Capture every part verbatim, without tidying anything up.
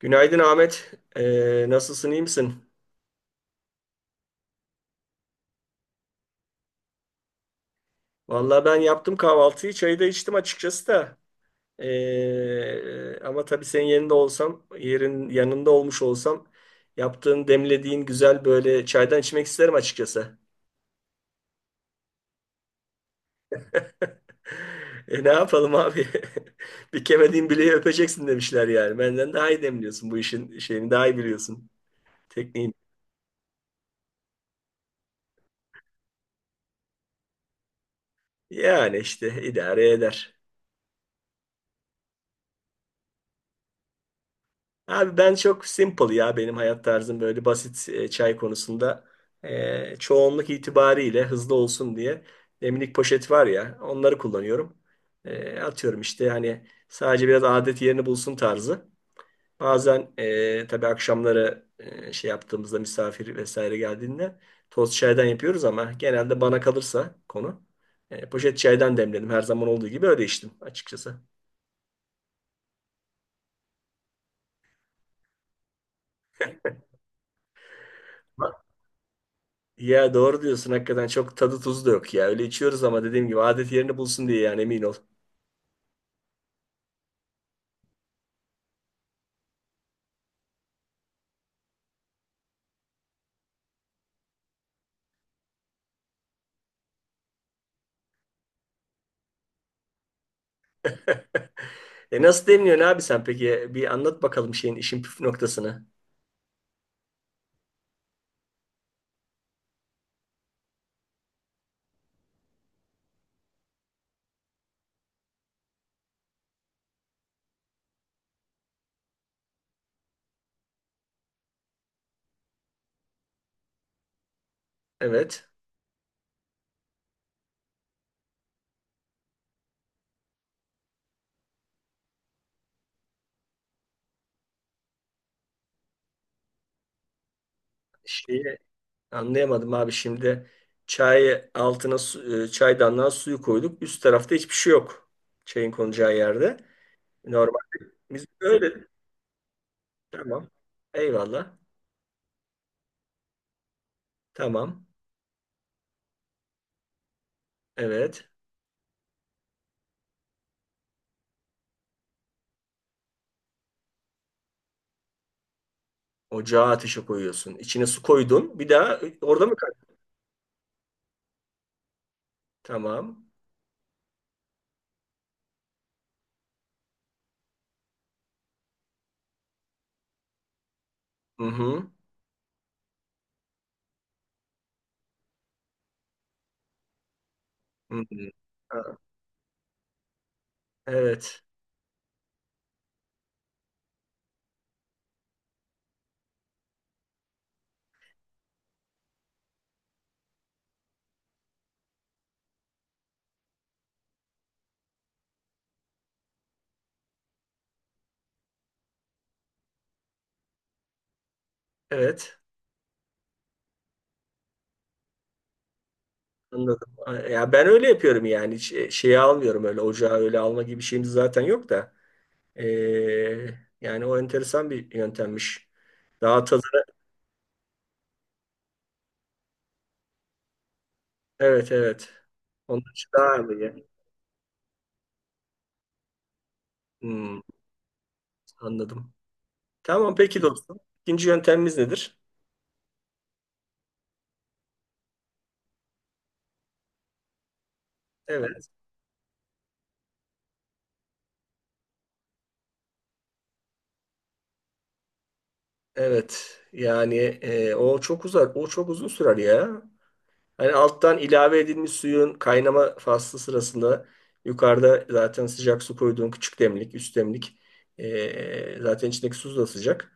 Günaydın Ahmet. Ee, nasılsın, iyi misin? Vallahi ben yaptım kahvaltıyı, çayı da içtim açıkçası da. Ee, ama tabii senin yerinde olsam, yerin yanında olmuş olsam, yaptığın, demlediğin güzel böyle çaydan içmek isterim açıkçası. E, ne yapalım abi? Bir kemediğin bileği öpeceksin demişler yani. Benden daha iyi demliyorsun bu işin şeyini, daha iyi biliyorsun tekniğini. Yani işte idare eder. Abi ben çok simple ya, benim hayat tarzım böyle basit e, çay konusunda. E, çoğunluk itibariyle hızlı olsun diye demlik poşet var ya, onları kullanıyorum. E, atıyorum işte, hani sadece biraz adet yerini bulsun tarzı. Bazen e, tabii akşamları e, şey yaptığımızda, misafir vesaire geldiğinde toz çaydan yapıyoruz, ama genelde bana kalırsa konu e, poşet çaydan demledim, her zaman olduğu gibi öyle içtim açıkçası. Ya doğru diyorsun, hakikaten çok tadı tuzu da yok ya. Öyle içiyoruz ama dediğim gibi adet yerini bulsun diye yani, emin ol. E, nasıl demliyorsun abi sen peki? Bir anlat bakalım şeyin, işin püf noktasını. Evet. Şeyi anlayamadım abi şimdi. Çayı altına su, e, çaydanlığa suyu koyduk. Üst tarafta hiçbir şey yok. Çayın konacağı yerde. Normal. Biz öyle. Tamam. Eyvallah. Tamam. Evet. Ocağa ateşe koyuyorsun. İçine su koydun. Bir daha e, orada mı kal? Tamam. Hı hı. Hı hı. Ha, evet. Evet. Anladım. Ya ben öyle yapıyorum yani. Hiç e, şeyi almıyorum öyle. Ocağa öyle alma gibi şeyimiz zaten yok da. Ee, yani o enteresan bir yöntemmiş. Daha tadını. Evet, evet. Onun için daha iyi. Hmm, anladım. Tamam peki dostum. İkinci yöntemimiz nedir? Evet. Evet yani e, o çok uzak o çok uzun sürer ya. Hani alttan ilave edilmiş suyun kaynama faslı sırasında, yukarıda zaten sıcak su koyduğun küçük demlik, üst demlik e, zaten içindeki su da sıcak.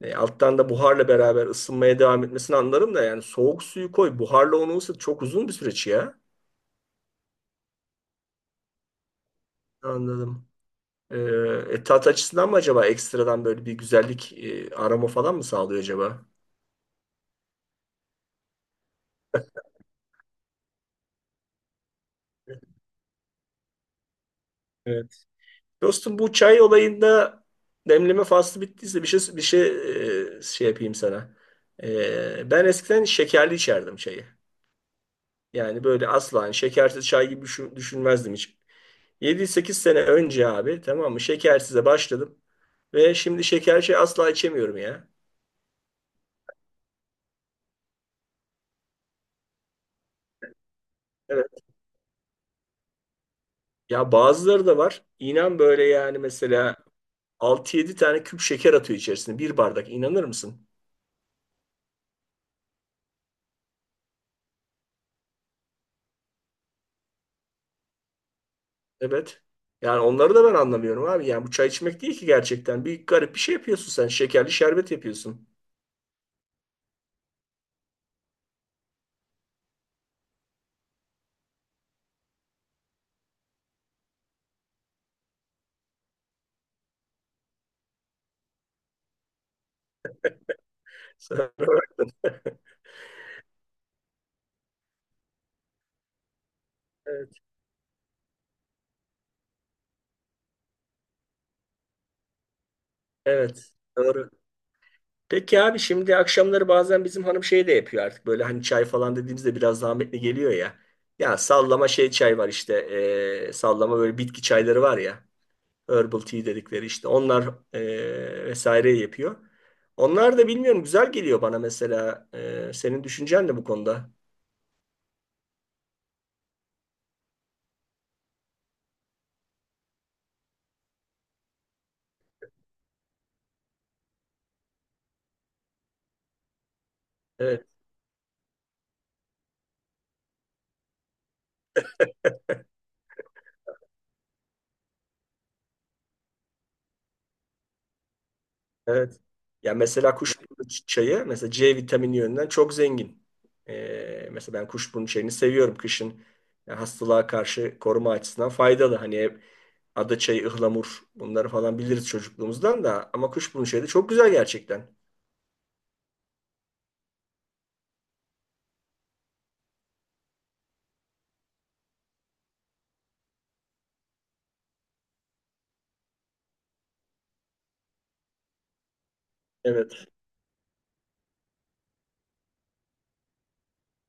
E, alttan da buharla beraber ısınmaya devam etmesini anlarım da, yani soğuk suyu koy, buharla onu ısıt, çok uzun bir süreç ya. Anladım. E, e, tat açısından mı acaba ekstradan böyle bir güzellik, e, aroma falan mı sağlıyor acaba? Dostum, bu çay olayında demleme faslı bittiyse bir şey, bir şey e, şey yapayım sana. E, ben eskiden şekerli içerdim çayı. Yani böyle asla, hani şekersiz çay gibi düşün- düşünmezdim hiç. Yedi sekiz sene önce abi, tamam mı, şekersize başladım ve şimdi şekerli çay asla içemiyorum ya. Evet. Ya bazıları da var. İnan böyle yani, mesela altı yedi tane küp şeker atıyor içerisine bir bardak, inanır mısın? Evet. Yani onları da ben anlamıyorum abi. Yani bu çay içmek değil ki gerçekten. Bir garip bir şey yapıyorsun sen. Şekerli şerbet yapıyorsun. Sen bıraktın. Evet. Evet. Doğru. Peki abi, şimdi akşamları bazen bizim hanım şey de yapıyor artık. Böyle hani çay falan dediğimizde biraz zahmetli geliyor ya. Ya sallama şey çay var işte. eee, sallama böyle bitki çayları var ya. Herbal tea dedikleri işte onlar e, vesaire yapıyor. Onlar da, bilmiyorum, güzel geliyor bana mesela. E, senin düşüncen de bu konuda. Evet, evet. Ya mesela kuşburnu çayı mesela ce vitamini yönünden çok zengin. E, mesela ben kuşburnu çayını seviyorum kışın. Ya hastalığa karşı koruma açısından faydalı. Hani hep ada çayı, ıhlamur, bunları falan biliriz çocukluğumuzdan da, ama kuşburnu çayı da çok güzel gerçekten. Evet.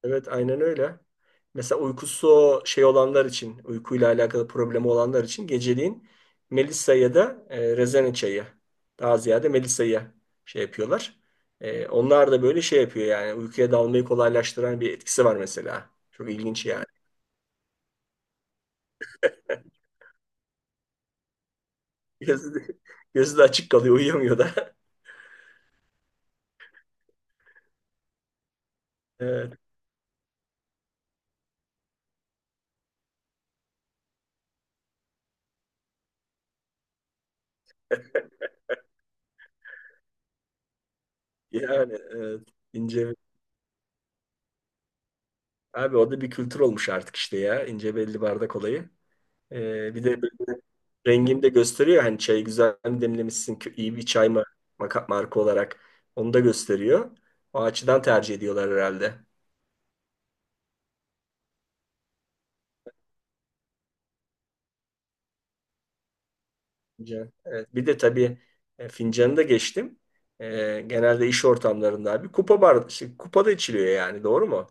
Evet aynen öyle. Mesela uykusu şey olanlar için, uykuyla alakalı problemi olanlar için geceliğin Melisa ya da e, rezene çayı. Daha ziyade Melisa'yı şey yapıyorlar. E, onlar da böyle şey yapıyor yani, uykuya dalmayı kolaylaştıran bir etkisi var mesela. Çok ilginç yani. Gözü de, gözü de açık kalıyor, uyuyamıyor da. Evet, yani evet, ince. Abi o da bir kültür olmuş artık işte ya, ince belli bardak olayı. E, bir de rengini de gösteriyor. Hani çayı güzel mi demlemişsin, kö- iyi bir çay mı, maka- marka olarak onu da gösteriyor. O açıdan tercih ediyorlar herhalde. Fincan. Evet. Bir de tabii e, fincanı da geçtim. E, genelde iş ortamlarında abi kupa bar, şey, kupada içiliyor yani, doğru mu?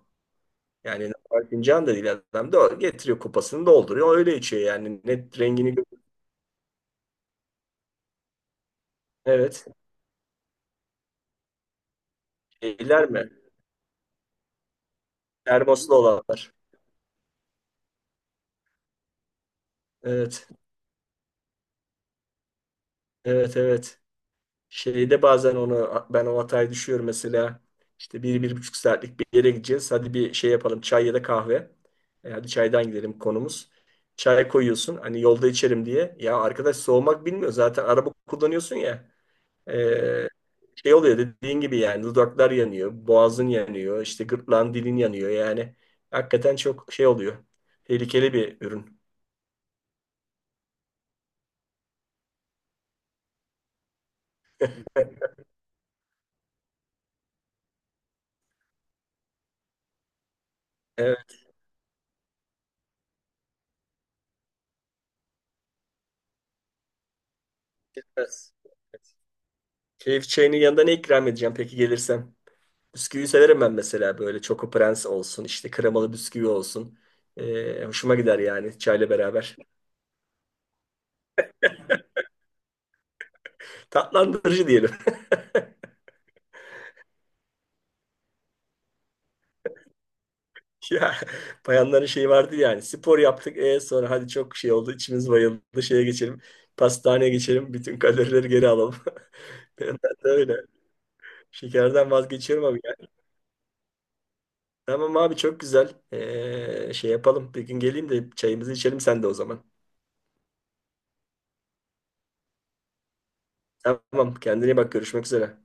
Yani normal fincan da değil, adam da getiriyor kupasını dolduruyor, öyle içiyor yani, net rengini gö- Evet. Şeyler mi? Termoslu olanlar. Evet. Evet, evet. Şeyde bazen onu ben, o hataya düşüyorum mesela. İşte bir, bir buçuk saatlik bir yere gideceğiz. Hadi bir şey yapalım, çay ya da kahve. E, hadi çaydan gidelim konumuz. Çay koyuyorsun hani yolda içerim diye. Ya arkadaş, soğumak bilmiyor, zaten araba kullanıyorsun ya. E, şey oluyor dediğin gibi yani, dudaklar yanıyor, boğazın yanıyor, işte gırtlağın, dilin yanıyor yani. Hakikaten çok şey oluyor. Tehlikeli bir ürün. Evet. Evet. Keyif çayının yanında ne ikram edeceğim peki gelirsem? Bisküvi severim ben mesela, böyle Choco Prens olsun, işte kremalı bisküvi olsun. Ee, hoşuma gider yani çayla beraber. Tatlandırıcı diyelim. Ya bayanların şeyi vardı yani, spor yaptık, e sonra hadi çok şey oldu, içimiz bayıldı, şeye geçelim, pastaneye geçelim, bütün kalorileri geri alalım. Ben de öyle şekerden vazgeçiyorum abi ya. Tamam abi, çok güzel. Ee, şey yapalım, bir gün geleyim de çayımızı içelim sen de o zaman. Tamam, kendine iyi bak, görüşmek üzere.